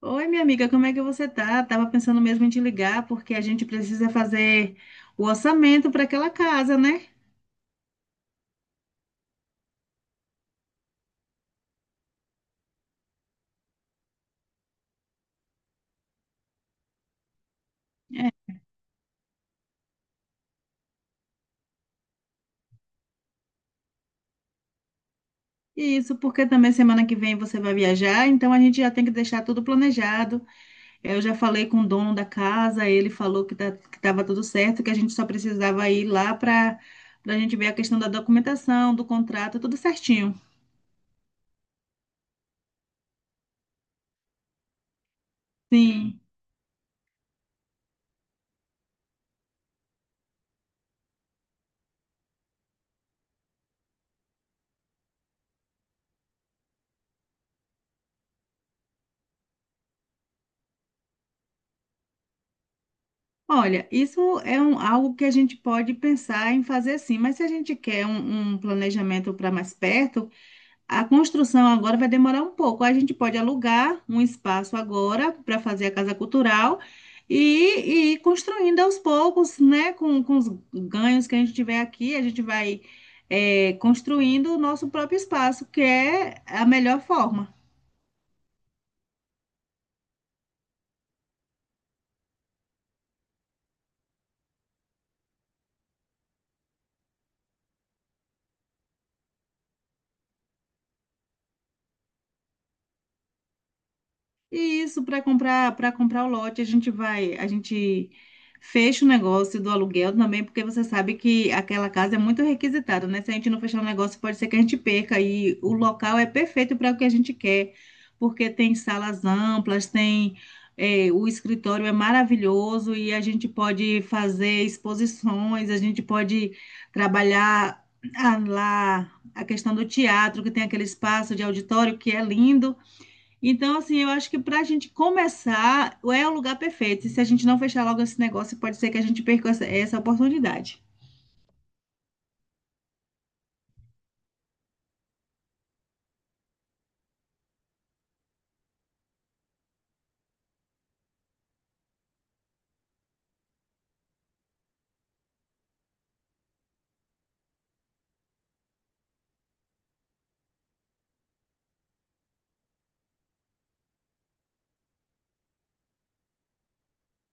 Oi, minha amiga, como é que você tá? Tava pensando mesmo em te ligar, porque a gente precisa fazer o orçamento para aquela casa, né? É. Isso, porque também semana que vem você vai viajar, então a gente já tem que deixar tudo planejado. É, eu já falei com o dono da casa, ele falou que tá, que estava tudo certo, que a gente só precisava ir lá para a gente ver a questão da documentação, do contrato, tudo certinho. Sim. Olha, isso é algo que a gente pode pensar em fazer, sim, mas se a gente quer um planejamento para mais perto, a construção agora vai demorar um pouco. A gente pode alugar um espaço agora para fazer a casa cultural e, ir construindo aos poucos, né? Com os ganhos que a gente tiver aqui, a gente vai, construindo o nosso próprio espaço, que é a melhor forma. E isso, para comprar o lote, a gente vai, a gente fecha o negócio do aluguel também, porque você sabe que aquela casa é muito requisitada, né? Se a gente não fechar o negócio, pode ser que a gente perca. E o local é perfeito para o que a gente quer, porque tem salas amplas, tem o escritório é maravilhoso e a gente pode fazer exposições, a gente pode trabalhar, ah, lá a questão do teatro, que tem aquele espaço de auditório que é lindo. Então, assim, eu acho que para a gente começar é o lugar perfeito. E se a gente não fechar logo esse negócio, pode ser que a gente perca essa oportunidade.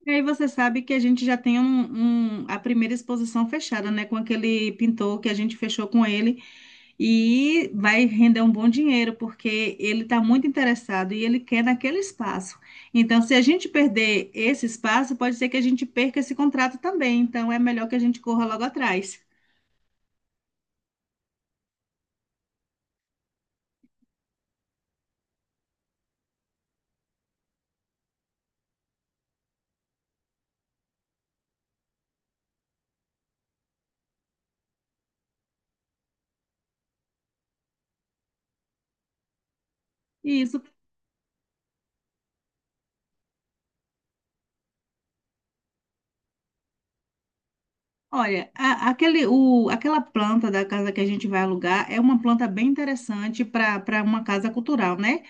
E aí você sabe que a gente já tem a primeira exposição fechada, né? Com aquele pintor que a gente fechou com ele. E vai render um bom dinheiro, porque ele está muito interessado e ele quer naquele espaço. Então, se a gente perder esse espaço, pode ser que a gente perca esse contrato também. Então, é melhor que a gente corra logo atrás. E isso. Olha, aquela planta da casa que a gente vai alugar é uma planta bem interessante para uma casa cultural, né?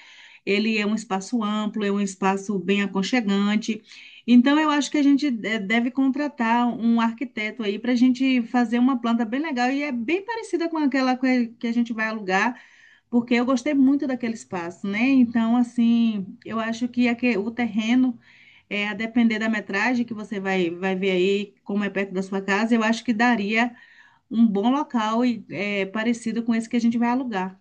Ele é um espaço amplo, é um espaço bem aconchegante. Então, eu acho que a gente deve contratar um arquiteto aí para a gente fazer uma planta bem legal e é bem parecida com aquela que a gente vai alugar, porque eu gostei muito daquele espaço, né? Então, assim, eu acho que o terreno, é, a depender da metragem que você vai ver aí, como é perto da sua casa, eu acho que daria um bom local e é parecido com esse que a gente vai alugar.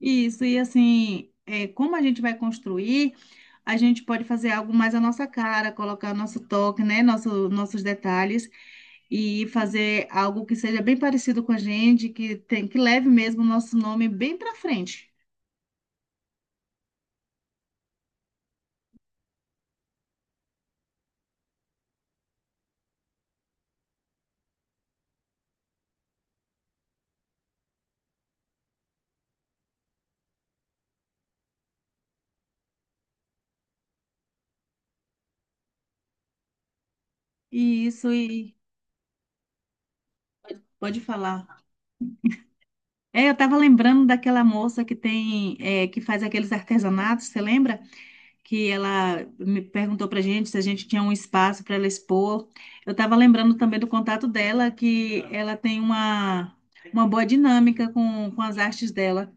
Isso, e assim, é, como a gente vai construir, a gente pode fazer algo mais à nossa cara, colocar nosso toque, né? Nossos detalhes e fazer algo que seja bem parecido com a gente, que tem, que leve mesmo o nosso nome bem para frente. E isso, e pode falar. É, eu estava lembrando daquela moça que tem, é, que faz aqueles artesanatos, você lembra? Que ela me perguntou pra gente se a gente tinha um espaço para ela expor. Eu estava lembrando também do contato dela, que ela tem uma boa dinâmica com as artes dela.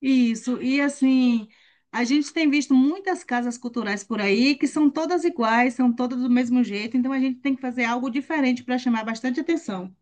Isso, e assim, a gente tem visto muitas casas culturais por aí que são todas iguais, são todas do mesmo jeito, então a gente tem que fazer algo diferente para chamar bastante atenção.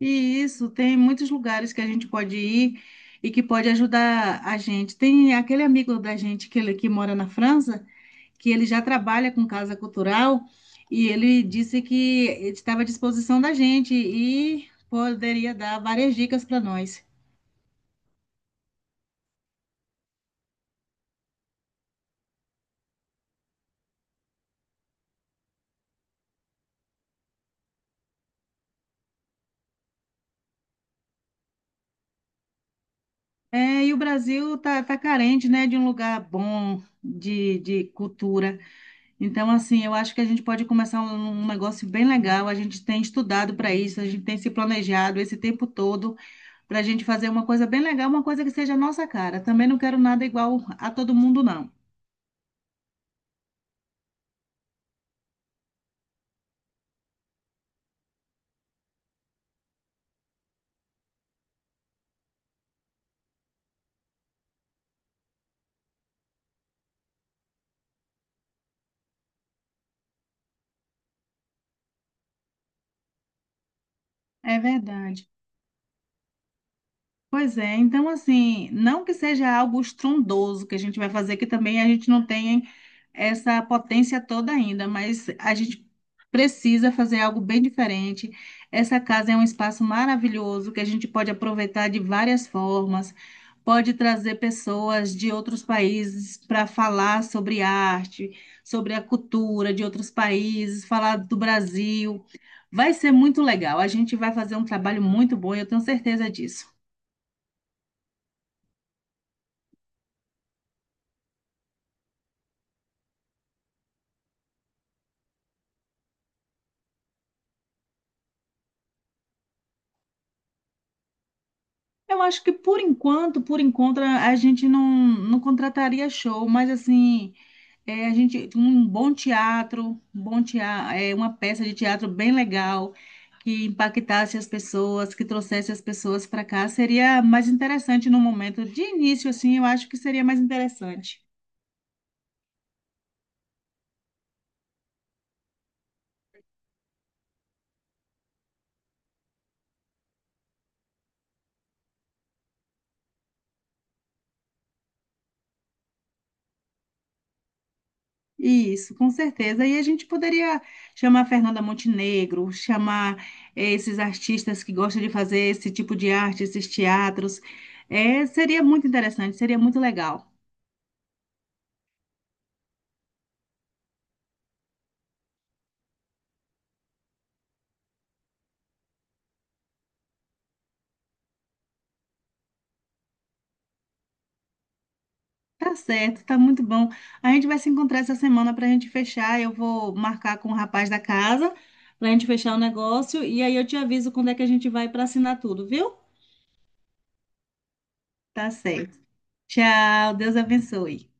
E isso, tem muitos lugares que a gente pode ir e que pode ajudar a gente. Tem aquele amigo da gente que, que mora na França, que ele já trabalha com casa cultural e ele disse que estava à disposição da gente e poderia dar várias dicas para nós. É, e o Brasil tá carente, né, de um lugar bom de cultura. Então, assim, eu acho que a gente pode começar um negócio bem legal. A gente tem estudado para isso, a gente tem se planejado esse tempo todo, para a gente fazer uma coisa bem legal, uma coisa que seja a nossa cara. Também não quero nada igual a todo mundo, não. É verdade. Pois é, então assim, não que seja algo estrondoso que a gente vai fazer, que também a gente não tem essa potência toda ainda, mas a gente precisa fazer algo bem diferente. Essa casa é um espaço maravilhoso que a gente pode aproveitar de várias formas, pode trazer pessoas de outros países para falar sobre arte, sobre a cultura de outros países, falar do Brasil. Vai ser muito legal, a gente vai fazer um trabalho muito bom, eu tenho certeza disso. Eu acho que por enquanto, a gente não contrataria show, mas assim, é, a gente um bom teatro, é, uma peça de teatro bem legal que impactasse as pessoas, que trouxesse as pessoas para cá, seria mais interessante no momento de início, assim, eu acho que seria mais interessante. Isso, com certeza. E a gente poderia chamar Fernanda Montenegro, chamar esses artistas que gostam de fazer esse tipo de arte, esses teatros. Seria muito interessante, seria muito legal. Tá certo, tá muito bom. A gente vai se encontrar essa semana para a gente fechar. Eu vou marcar com o rapaz da casa para a gente fechar o negócio. E aí eu te aviso quando é que a gente vai para assinar tudo, viu? Tá certo. Tchau, Deus abençoe.